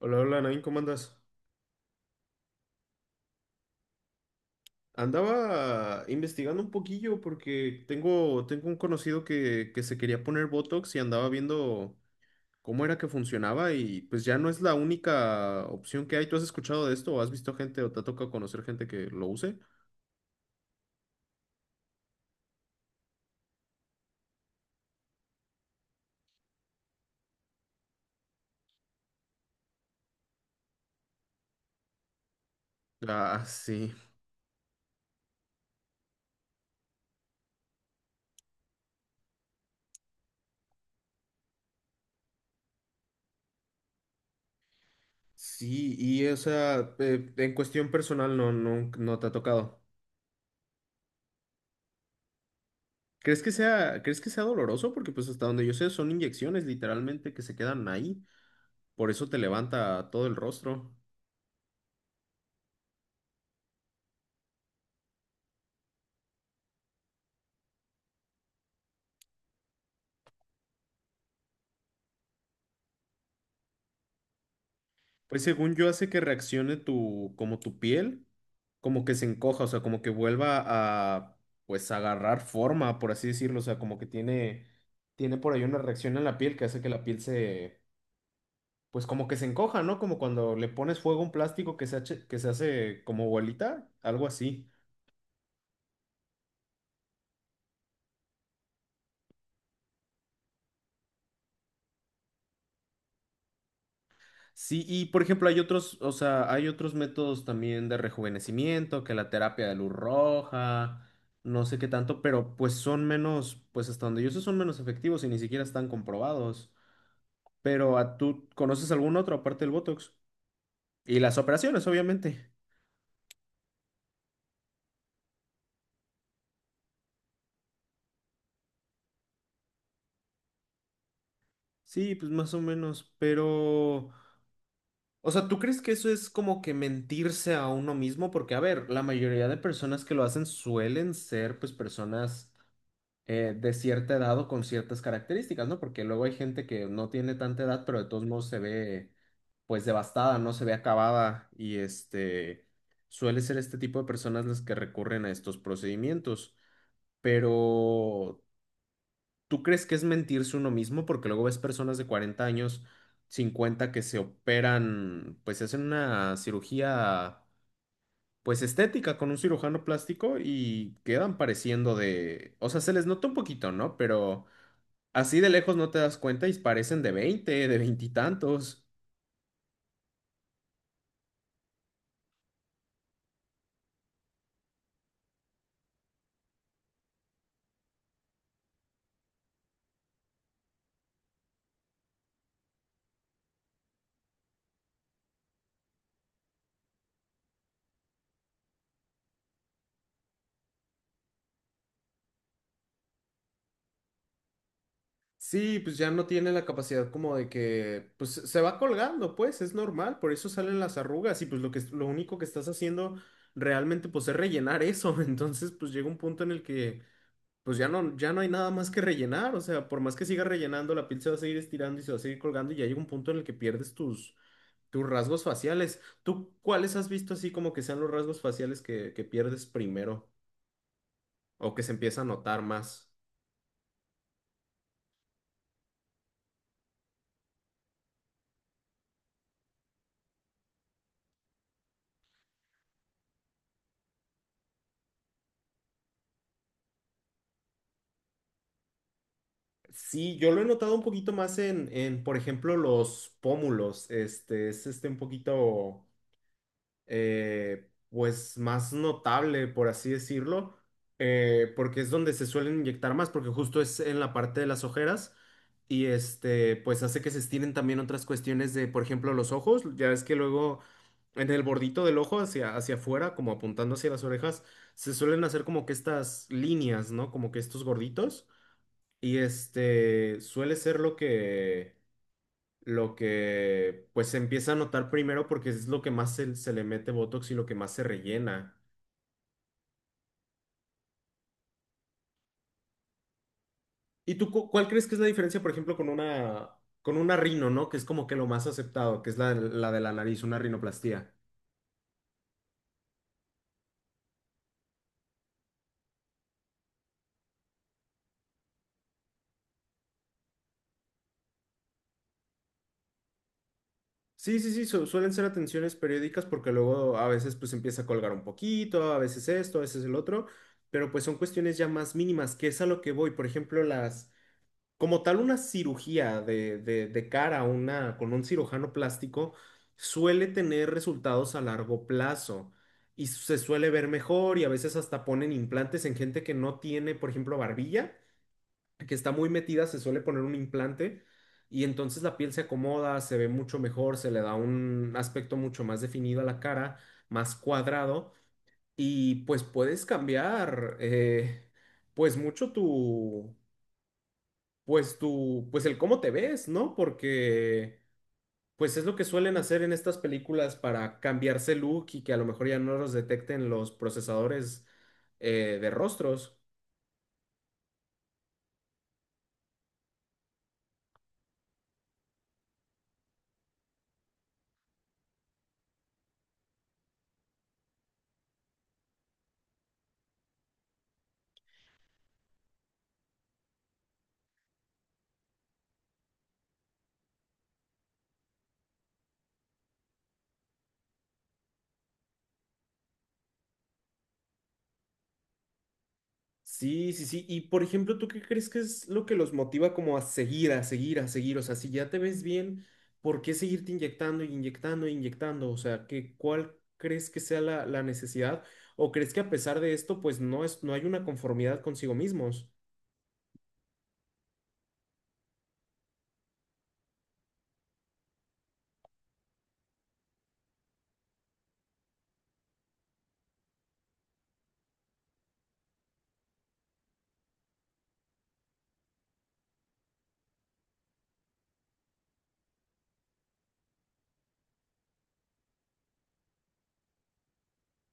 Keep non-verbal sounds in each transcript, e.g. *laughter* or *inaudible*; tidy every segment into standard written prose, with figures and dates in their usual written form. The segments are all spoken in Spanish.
Hola, hola, Nain, ¿cómo andas? Andaba investigando un poquillo porque tengo un conocido que se quería poner Botox y andaba viendo cómo era que funcionaba y pues ya no es la única opción que hay. ¿Tú has escuchado de esto o has visto gente o te ha tocado conocer gente que lo use? Ah, sí. Sí, y o sea, en cuestión personal no te ha tocado. Crees que sea doloroso? Porque pues hasta donde yo sé son inyecciones literalmente que se quedan ahí. Por eso te levanta todo el rostro. Pues según yo hace que reaccione tu, como tu piel, como que se encoja, o sea, como que vuelva a, pues, agarrar forma, por así decirlo, o sea, como que tiene, tiene por ahí una reacción en la piel que hace que la piel se, pues, como que se encoja, ¿no? Como cuando le pones fuego a un plástico que se hace como bolita, algo así. Sí, y por ejemplo, hay otros, o sea, hay otros métodos también de rejuvenecimiento, que la terapia de luz roja, no sé qué tanto, pero pues son menos, pues hasta donde yo sé son menos efectivos y ni siquiera están comprobados. Pero ¿a tú conoces algún otro aparte del Botox? Y las operaciones, obviamente. Sí, pues más o menos, pero... O sea, ¿tú crees que eso es como que mentirse a uno mismo? Porque, a ver, la mayoría de personas que lo hacen suelen ser pues personas de cierta edad o con ciertas características, ¿no? Porque luego hay gente que no tiene tanta edad, pero de todos modos se ve pues devastada, no se ve acabada y este suele ser este tipo de personas las que recurren a estos procedimientos. Pero ¿tú crees que es mentirse uno mismo? Porque luego ves personas de 40 años, 50 que se operan, pues se hacen una cirugía pues estética con un cirujano plástico y quedan pareciendo de, o sea, se les nota un poquito, ¿no? Pero así de lejos no te das cuenta y parecen de 20 de veintitantos. Sí, pues ya no tiene la capacidad como de que, pues se va colgando, pues es normal, por eso salen las arrugas y pues lo único que estás haciendo realmente pues es rellenar eso, *laughs* entonces pues llega un punto en el que pues ya no hay nada más que rellenar, o sea, por más que sigas rellenando, la piel se va a seguir estirando y se va a seguir colgando y ya llega un punto en el que pierdes tus rasgos faciales. ¿Tú cuáles has visto así como que sean los rasgos faciales que pierdes primero? O que se empieza a notar más. Sí, yo lo he notado un poquito más por ejemplo, los pómulos. Este es un poquito, pues, más notable, por así decirlo, porque es donde se suelen inyectar más, porque justo es en la parte de las ojeras y este, pues, hace que se estiren también otras cuestiones de, por ejemplo, los ojos. Ya ves que luego en el bordito del ojo hacia afuera, como apuntando hacia las orejas, se suelen hacer como que estas líneas, ¿no? Como que estos gorditos. Y este suele ser lo que pues se empieza a notar primero porque es lo que más se le mete Botox y lo que más se rellena. ¿Y tú cuál crees que es la diferencia, por ejemplo, con una rino, ¿no? Que es como que lo más aceptado, que es la de la nariz, una rinoplastía. Sí, sí, sí, suelen ser atenciones periódicas porque luego a veces pues empieza a colgar un poquito, a veces esto, a veces el otro, pero pues son cuestiones ya más mínimas, que es a lo que voy. Por ejemplo, las... Como tal, una cirugía de, de cara a una, con un cirujano plástico suele tener resultados a largo plazo y se suele ver mejor y a veces hasta ponen implantes en gente que no tiene, por ejemplo, barbilla, que está muy metida, se suele poner un implante y entonces la piel se acomoda, se ve mucho mejor, se le da un aspecto mucho más definido a la cara, más cuadrado y pues puedes cambiar pues mucho, pues tu, pues el cómo te ves, ¿no? Porque pues es lo que suelen hacer en estas películas para cambiarse look y que a lo mejor ya no los detecten los procesadores, de rostros. Sí, sí, sí. Y por ejemplo, ¿tú qué crees que es lo que los motiva como a seguir, a seguir, a seguir? O sea, si ya te ves bien, ¿por qué seguirte inyectando, inyectando, inyectando? O sea, ¿qué, cuál crees que sea la necesidad? ¿O crees que a pesar de esto, pues no es, no hay una conformidad consigo mismos?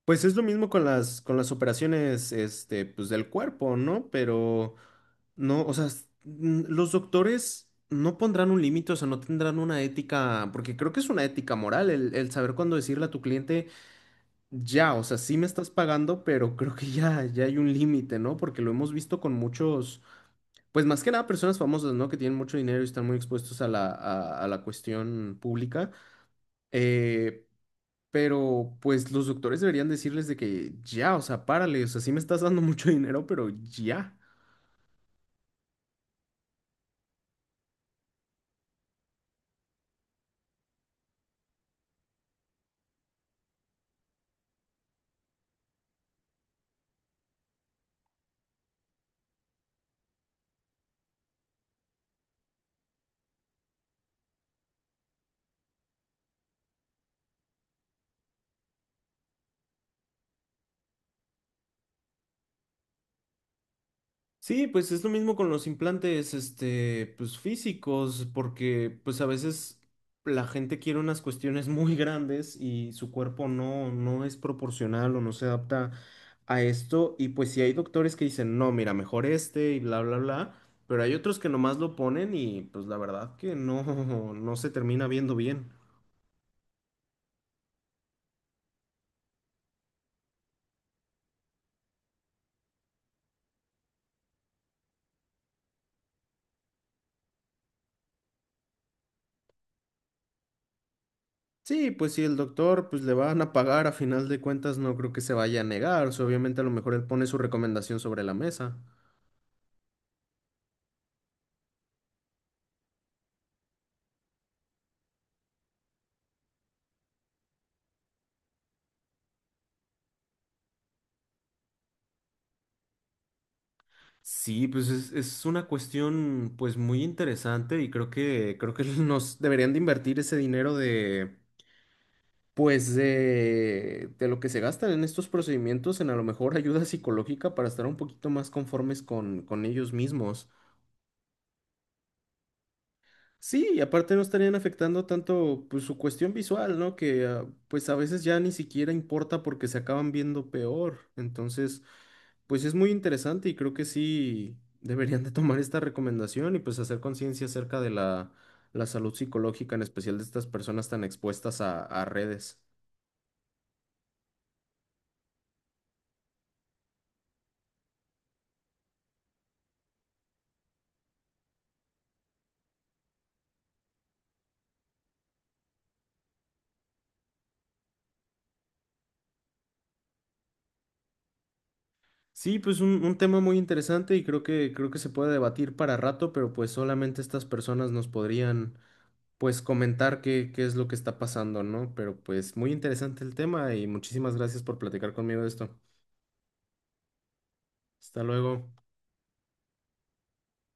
Pues es lo mismo con con las operaciones, este, pues del cuerpo, ¿no? Pero no, o sea, los doctores no pondrán un límite, o sea, no tendrán una ética, porque creo que es una ética moral el saber cuándo decirle a tu cliente, ya, o sea, sí me estás pagando, pero creo que ya, ya hay un límite, ¿no? Porque lo hemos visto con muchos, pues más que nada personas famosas, ¿no? Que tienen mucho dinero y están muy expuestos a a la cuestión pública. Eh, pero pues los doctores deberían decirles de que ya, o sea, párale, o sea, sí me estás dando *laughs* mucho dinero, pero ya. Sí, pues es lo mismo con los implantes, este, pues físicos, porque pues a veces la gente quiere unas cuestiones *laughs* muy grandes y su cuerpo no es proporcional o no se adapta a esto. Y pues sí hay doctores que dicen, no, mira, mejor este y bla, bla, bla, pero hay otros que nomás lo ponen y pues la verdad que no, *laughs* no se termina viendo bien. Sí, pues si el doctor pues le van a pagar, a final de cuentas no creo que se vaya a negar. O sea, obviamente a lo mejor él pone su recomendación sobre la mesa. Sí, pues es una cuestión pues muy interesante y creo que *laughs* nos deberían de invertir ese dinero de pues de lo que se gastan en estos procedimientos en a lo mejor ayuda psicológica para estar un poquito más conformes con ellos mismos. Sí, y aparte no estarían afectando tanto pues, su cuestión visual, ¿no? Que ah, pues a veces ya ni siquiera importa porque se acaban viendo peor. Entonces, pues es muy interesante y creo que sí deberían de tomar esta recomendación y pues hacer conciencia acerca de la salud psicológica, en especial de estas personas tan expuestas a redes. Sí, pues un tema muy interesante y creo que se puede debatir para rato, pero pues solamente estas personas nos podrían pues comentar qué, qué es lo que está pasando, ¿no? Pero pues muy interesante el tema y muchísimas gracias por platicar conmigo de esto. Hasta luego.